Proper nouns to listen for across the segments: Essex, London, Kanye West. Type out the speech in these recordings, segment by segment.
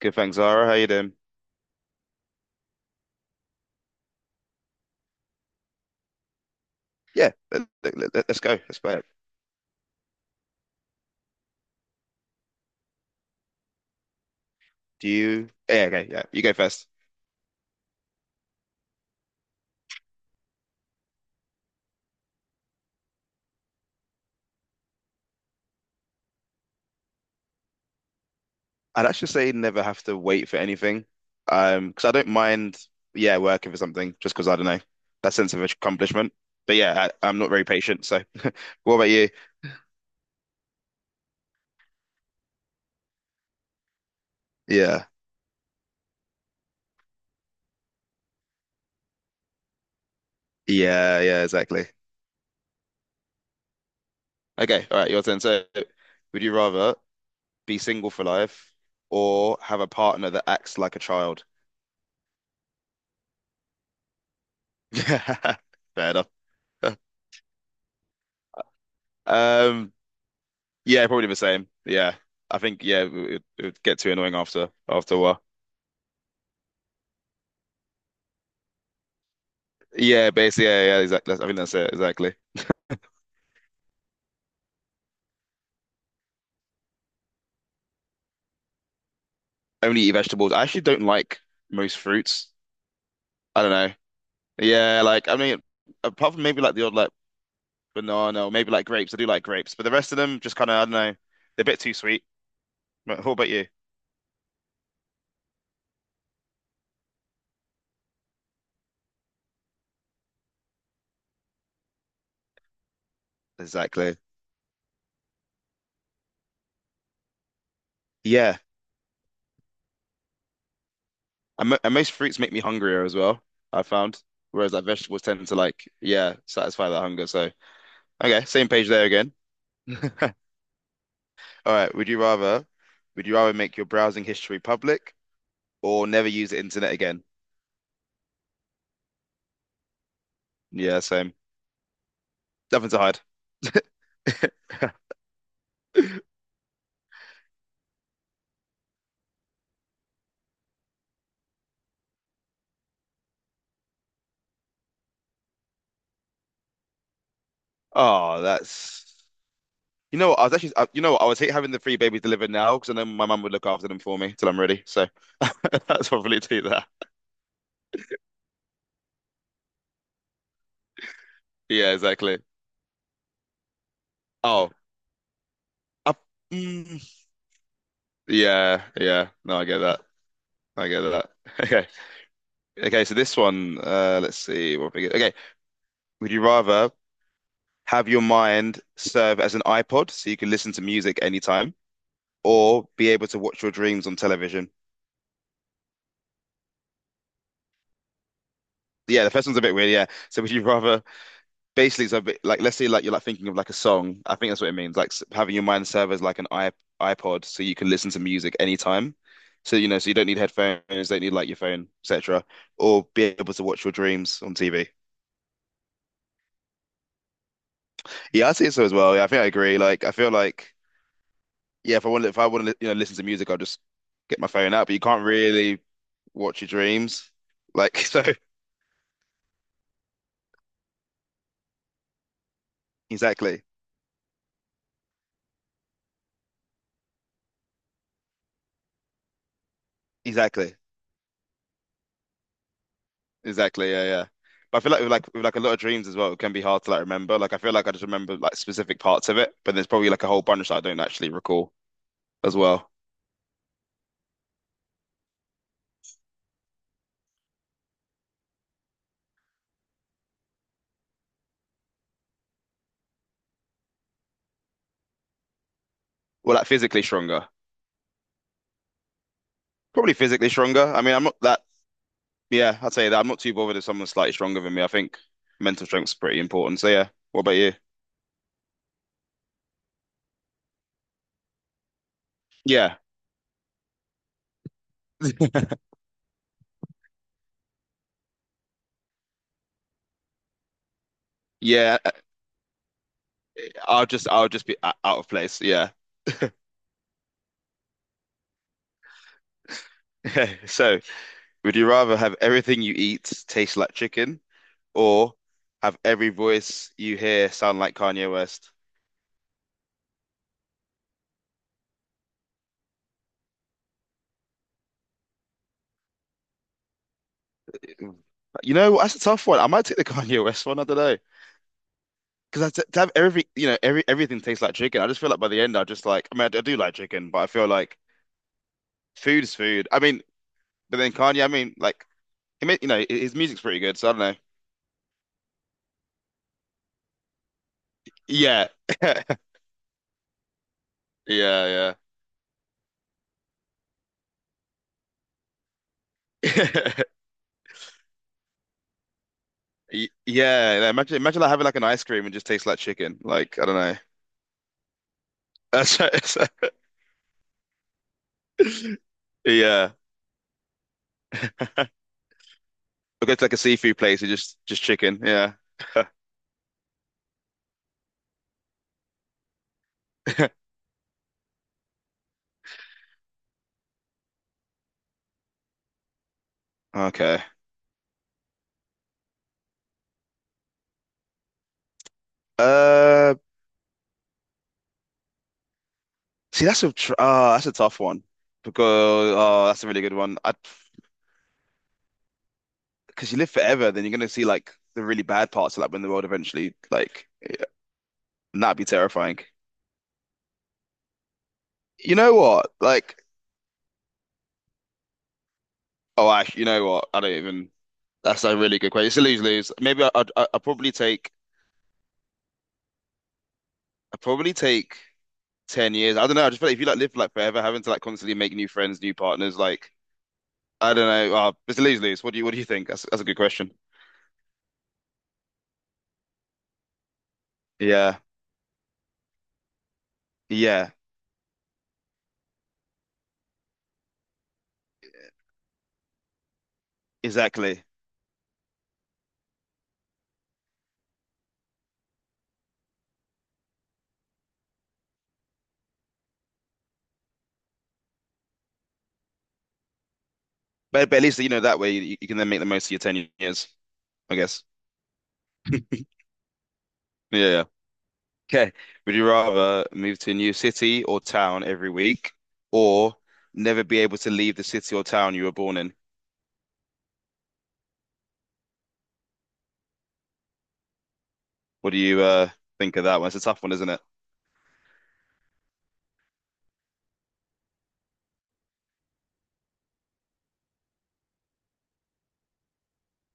Good, thanks, Zara. How you doing? Yeah, let, us go. Let's play it. Do you? Yeah, okay, yeah. You go first. I'd actually say never have to wait for anything, because I don't mind. Yeah, working for something just because I don't know that sense of accomplishment. But yeah, I'm not very patient. So, what about you? Yeah, yeah, yeah. Exactly. Okay, all right. Your turn. So, would you rather be single for life or have a partner that acts like a child? Fair enough. Um, Yeah, probably the same. Yeah, I think yeah, it would get too annoying after a while. Yeah, basically, yeah, yeah, exactly. I think that's it exactly. Only eat vegetables. I actually don't like most fruits. I don't know. Yeah, like I mean, apart from maybe like the odd like banana or maybe like grapes. I do like grapes, but the rest of them just kind of I don't know. They're a bit too sweet. But what about you? Exactly. Yeah, and most fruits make me hungrier as well. I found, whereas like vegetables tend to like yeah satisfy that hunger. So okay, same page there again. All right, would you rather make your browsing history public or never use the internet again? Yeah, same. Nothing to hide. Oh, that's you know what, I was hate having the three babies delivered now because I know my mum would look after them for me till I'm ready. So that's probably do that. Yeah, exactly. Oh, I, mm, yeah, yeah. No, I get that. I get that. Okay, okay. So this one, let's see. What we get. Okay, would you rather have your mind serve as an iPod so you can listen to music anytime, or be able to watch your dreams on television? Yeah, the first one's a bit weird. Yeah. So would you rather basically it's a bit like let's say like you're like thinking of like a song. I think that's what it means. Like having your mind serve as like an I iPod so you can listen to music anytime. So you know, so you don't need headphones, don't need like your phone, etc. Or be able to watch your dreams on TV. Yeah, I'd say so as well. Yeah, I think I agree. Like I feel like yeah, if I want to, you know, listen to music, I'll just get my phone out. But you can't really watch your dreams, like so. Exactly, exactly, exactly. Yeah, yeah. But I feel like with like a lot of dreams as well, it can be hard to like remember. Like I feel like I just remember like specific parts of it, but there's probably like a whole bunch that I don't actually recall as well. Well, like physically stronger, probably physically stronger. I mean, I'm not that. Yeah, I'd say that I'm not too bothered if someone's slightly stronger than me. I think mental strength's pretty important. So yeah, what about you? Yeah, yeah. I'll just be out of place. Yeah. So, would you rather have everything you eat taste like chicken or have every voice you hear sound like Kanye West? You know, that's a tough one. I might take the Kanye West one. I don't know. Because to have every, you know, everything tastes like chicken. I just feel like by the end, I just like. I mean, I do like chicken, but I feel like food is food. I mean, but then Kanye. I mean, like, he made, you know, his music's pretty good. So I don't know. Yeah, yeah, yeah, yeah, like, imagine like having like an ice cream and just tastes like chicken. Like, I don't know. That's right. That's right. Yeah. I go to like a seafood place and just chicken. Yeah. Okay. Uh, see, that's a tr oh, that's a tough one because oh, that's a really good one. I because you live forever, then you're gonna see like the really bad parts of like when the world eventually like and that'd be terrifying. You know what? Like, oh, I you know what? I don't even. That's a really good question. It's a lose lose. Maybe I, I I probably take I probably take 10 years. I don't know. I just feel like if you like live like forever, having to like constantly make new friends, new partners, like I don't know. It's a lose-lose. What do you think? That's a good question. Yeah. Yeah. Exactly. But at least you know that way you can then make the most of your 10 years, I guess. Yeah, yeah. Okay. Would you rather move to a new city or town every week or never be able to leave the city or town you were born in? What do you think of that one? It's a tough one, isn't it?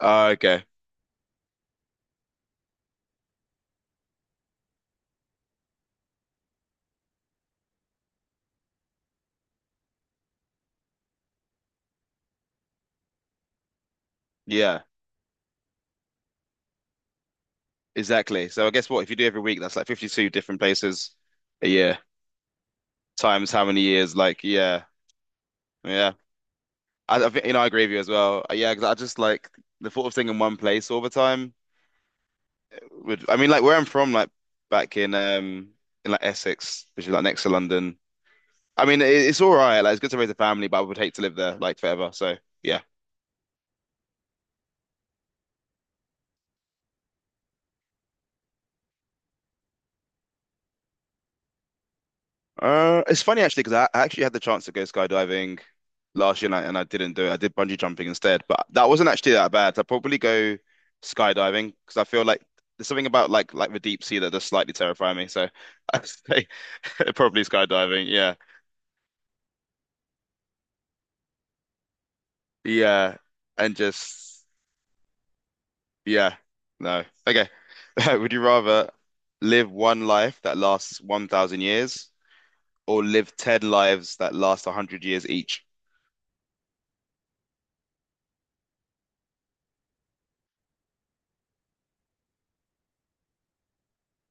Okay. Yeah. Exactly. So I guess what if you do every week, that's like 52 different places a year times how many years? Like, yeah, yeah. I think, you know, I agree with you as well. Yeah, because I just like the thought of staying in one place all the time would, I mean, like where I'm from, like back in like Essex, which is like next to London. I mean, it's all right. Like, it's good to raise a family, but I would hate to live there like forever. So, yeah. It's funny actually because I actually had the chance to go skydiving last year and I didn't do it. I did bungee jumping instead, but that wasn't actually that bad. I'd probably go skydiving because I feel like there's something about like the deep sea that does slightly terrify me. So I'd say probably skydiving. Yeah, yeah, and just yeah, no. Okay, would you rather live one life that lasts 1,000 years or live ten lives that last 100 years each?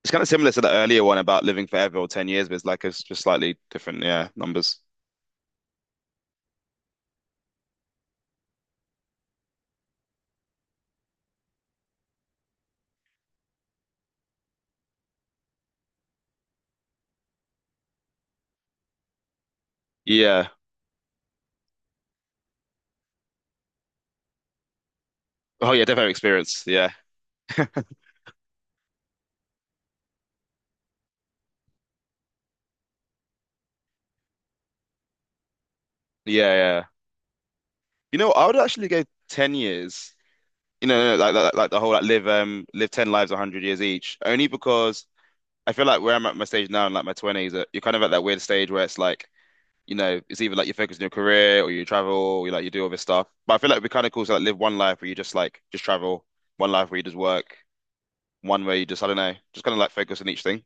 It's kind of similar to the earlier one about living forever or 10 years, but it's like it's just slightly different, yeah, numbers. Yeah. Oh yeah, definitely experience. Yeah. Yeah, yeah. You know, I would actually go 10 years. You know, like the whole like live 10 lives 100 years each. Only because I feel like where I'm at my stage now in like my 20s, you're kind of at that weird stage where it's like, you know, it's either like you focus on your career or you travel or you like you do all this stuff. But I feel like it'd be kind of cool to like live one life where you just just travel, one life where you just work, one where you just I don't know, just kind of like focus on each thing.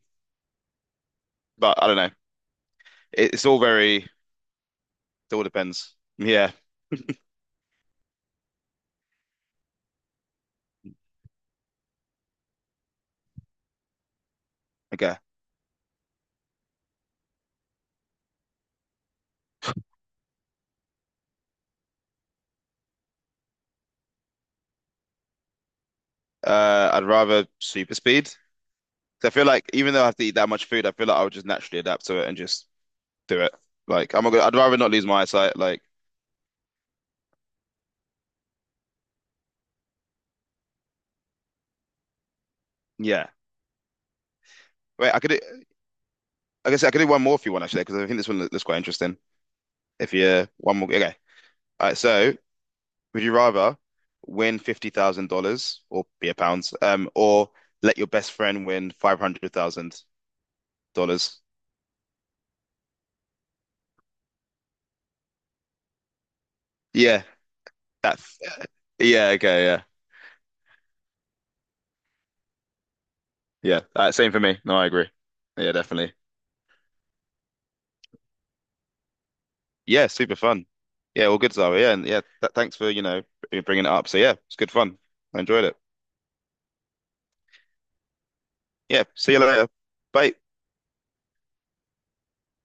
But I don't know. It's all very, it all depends. Yeah. Okay. I'd rather super speed. 'Cause I feel like even though I have to eat that much food, I feel like I would just naturally adapt to it and just do it. Like I'm not gonna, I'd rather not lose my eyesight. Like yeah. Wait, I could do, I guess I could do one more if you want actually, because I think this one looks quite interesting. If you one more, okay. All right. So would you rather win $50,000 or be a pounds, or let your best friend win $500,000? Yeah. That's yeah. Okay. Yeah. Yeah, same for me. No, I agree. Yeah, definitely. Yeah, super fun. Yeah, all good, Zara. Yeah, and yeah, th thanks for, you know, bringing it up. So yeah, it's good fun. I enjoyed it. Yeah, see you later. Bye.